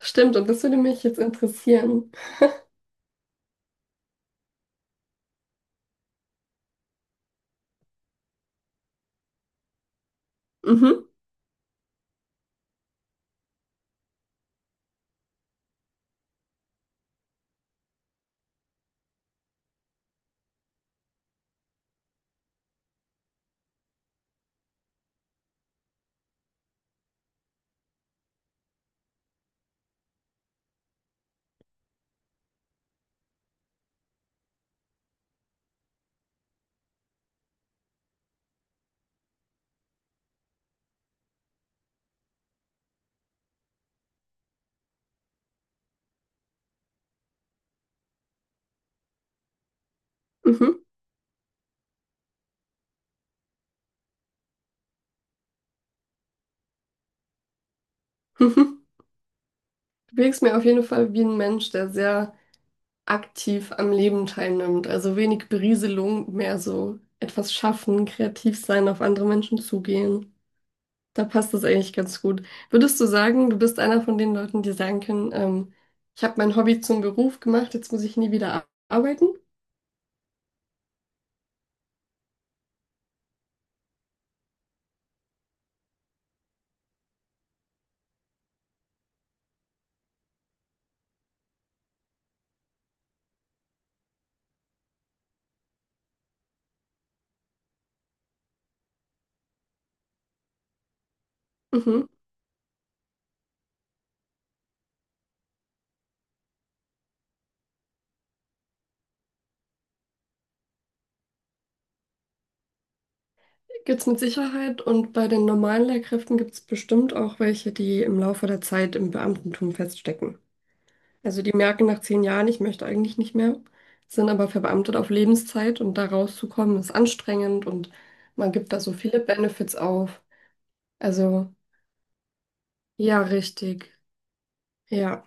Stimmt, und das würde mich jetzt interessieren. Mhm, mhm, mhm. Du wirkst mir auf jeden Fall wie ein Mensch, der sehr aktiv am Leben teilnimmt. Also wenig Berieselung, mehr so etwas schaffen, kreativ sein, auf andere Menschen zugehen. Da passt das eigentlich ganz gut. Würdest du sagen, du bist einer von den Leuten, die sagen können, ich habe mein Hobby zum Beruf gemacht, jetzt muss ich nie wieder arbeiten? Mhm. Gibt's mit Sicherheit, und bei den normalen Lehrkräften gibt es bestimmt auch welche, die im Laufe der Zeit im Beamtentum feststecken. Also die merken nach zehn Jahren, ich möchte eigentlich nicht mehr, sind aber verbeamtet auf Lebenszeit, und da rauszukommen ist anstrengend, und man gibt da so viele Benefits auf. Also ja, richtig. Ja,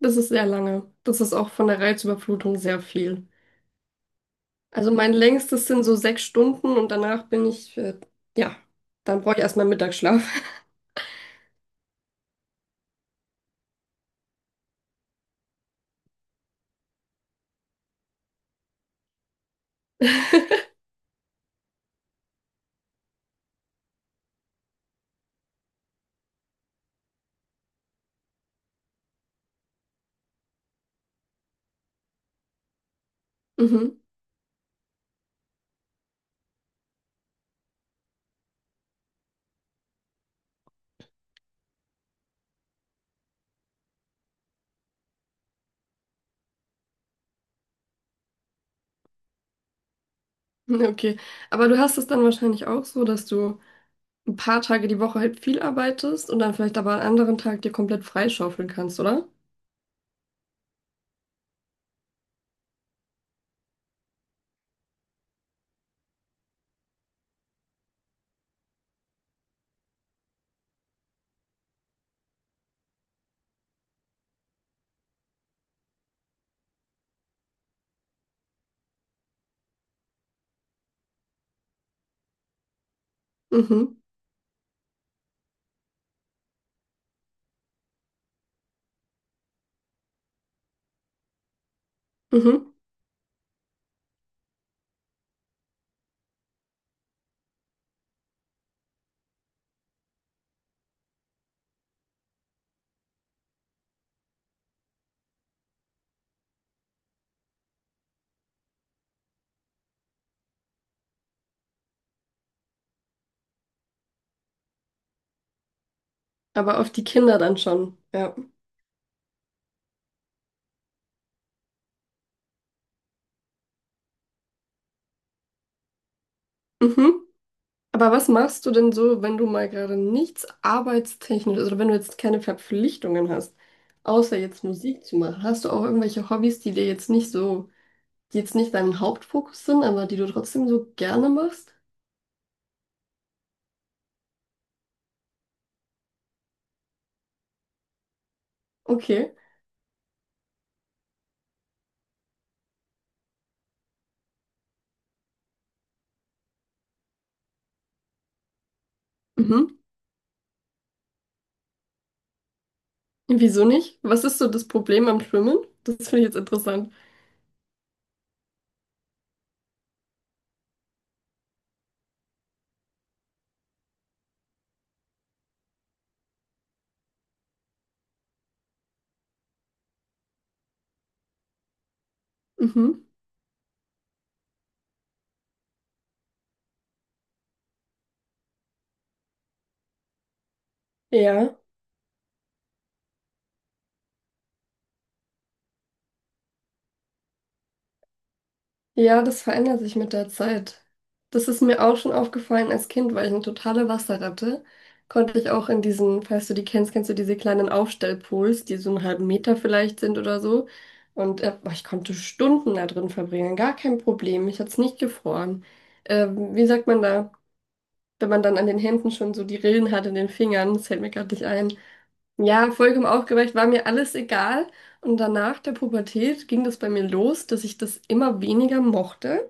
das ist sehr lange. Das ist auch von der Reizüberflutung sehr viel. Also mein längstes sind so sechs Stunden, und danach bin ich, ja, dann brauche ich erstmal Mittagsschlaf. Mhm, okay. Aber du hast es dann wahrscheinlich auch so, dass du ein paar Tage die Woche halt viel arbeitest und dann vielleicht aber an anderen Tag dir komplett freischaufeln kannst, oder? Mhm. Mhm. Aber auf die Kinder dann schon, ja. Mhm. Aber was machst du denn so, wenn du mal gerade nichts arbeitstechnisch, also wenn du jetzt keine Verpflichtungen hast, außer jetzt Musik zu machen? Hast du auch irgendwelche Hobbys, die dir jetzt nicht so, die jetzt nicht dein Hauptfokus sind, aber die du trotzdem so gerne machst? Okay. Mhm. Wieso nicht? Was ist so das Problem am Schwimmen? Das finde ich jetzt interessant. Mhm. Ja. Ja, das verändert sich mit der Zeit. Das ist mir auch schon aufgefallen als Kind, weil ich eine totale Wasserratte. Konnte ich auch in diesen, falls du die kennst, kennst du diese kleinen Aufstellpools, die so einen halben Meter vielleicht sind oder so. Und boah, ich konnte Stunden da drin verbringen, gar kein Problem. Mich hat's nicht gefroren. Wie sagt man da, wenn man dann an den Händen schon so die Rillen hat in den Fingern? Das fällt mir gerade nicht ein. Ja, vollkommen aufgeweicht, war mir alles egal. Und danach der Pubertät ging das bei mir los, dass ich das immer weniger mochte.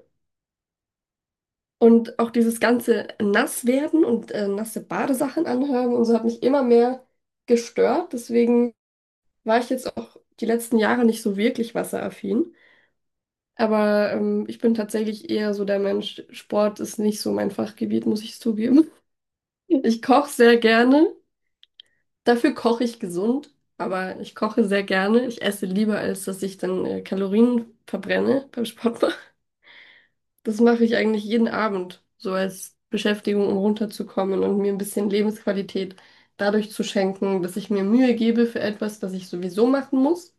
Und auch dieses ganze Nasswerden und nasse Badesachen anhaben und so hat mich immer mehr gestört. Deswegen war ich jetzt auch die letzten Jahre nicht so wirklich wasseraffin. Aber ich bin tatsächlich eher so der Mensch, Sport ist nicht so mein Fachgebiet, muss ich zugeben. Ich koche sehr gerne. Dafür koche ich gesund, aber ich koche sehr gerne. Ich esse lieber, als dass ich dann Kalorien verbrenne beim Sport. Das mache ich eigentlich jeden Abend, so als Beschäftigung, um runterzukommen und mir ein bisschen Lebensqualität dadurch zu schenken, dass ich mir Mühe gebe für etwas, das ich sowieso machen muss.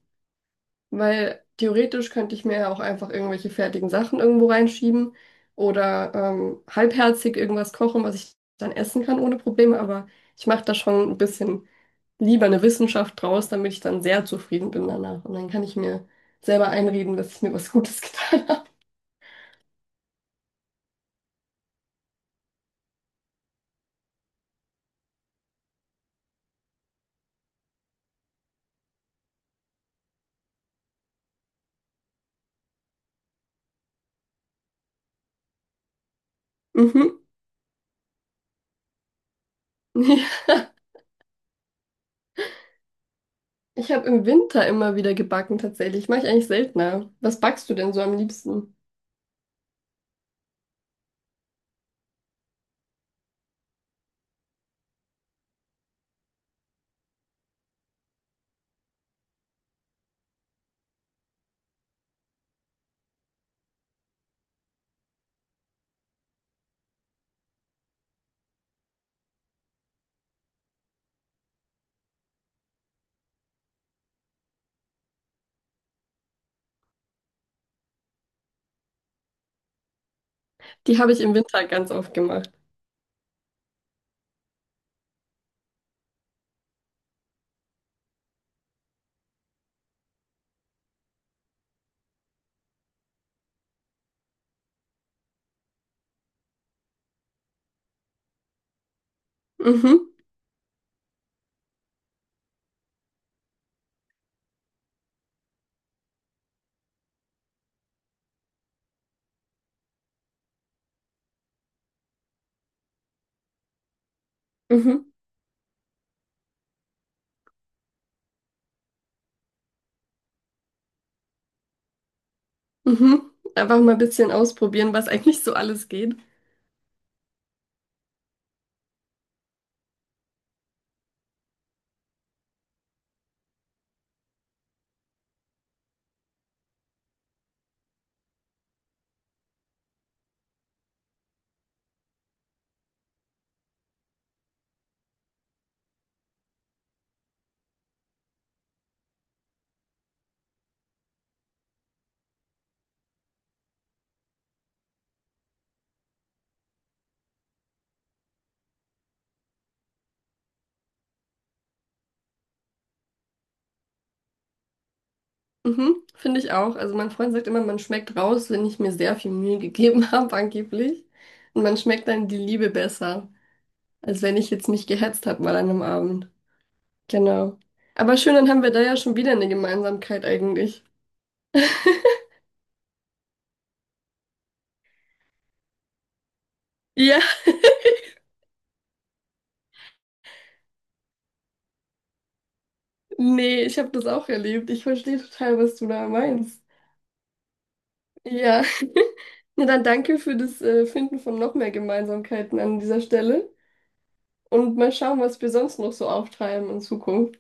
Weil theoretisch könnte ich mir ja auch einfach irgendwelche fertigen Sachen irgendwo reinschieben oder halbherzig irgendwas kochen, was ich dann essen kann ohne Probleme. Aber ich mache da schon ein bisschen lieber eine Wissenschaft draus, damit ich dann sehr zufrieden bin danach. Und dann kann ich mir selber einreden, dass ich mir was Gutes getan habe. Mhm. Ich habe im Winter immer wieder gebacken, tatsächlich. Mache ich eigentlich seltener. Was backst du denn so am liebsten? Die habe ich im Winter ganz oft gemacht. Mhm, mhm, mhm. Einfach mal ein bisschen ausprobieren, was eigentlich so alles geht. Mhm, finde ich auch. Also mein Freund sagt immer, man schmeckt raus, wenn ich mir sehr viel Mühe gegeben habe, angeblich. Und man schmeckt dann die Liebe besser, als wenn ich jetzt mich gehetzt habe mal an einem Abend. Genau. Aber schön, dann haben wir da ja schon wieder eine Gemeinsamkeit eigentlich. Ja. Nee, ich habe das auch erlebt. Ich verstehe total, was du da meinst. Ja, na dann danke für das Finden von noch mehr Gemeinsamkeiten an dieser Stelle und mal schauen, was wir sonst noch so auftreiben in Zukunft.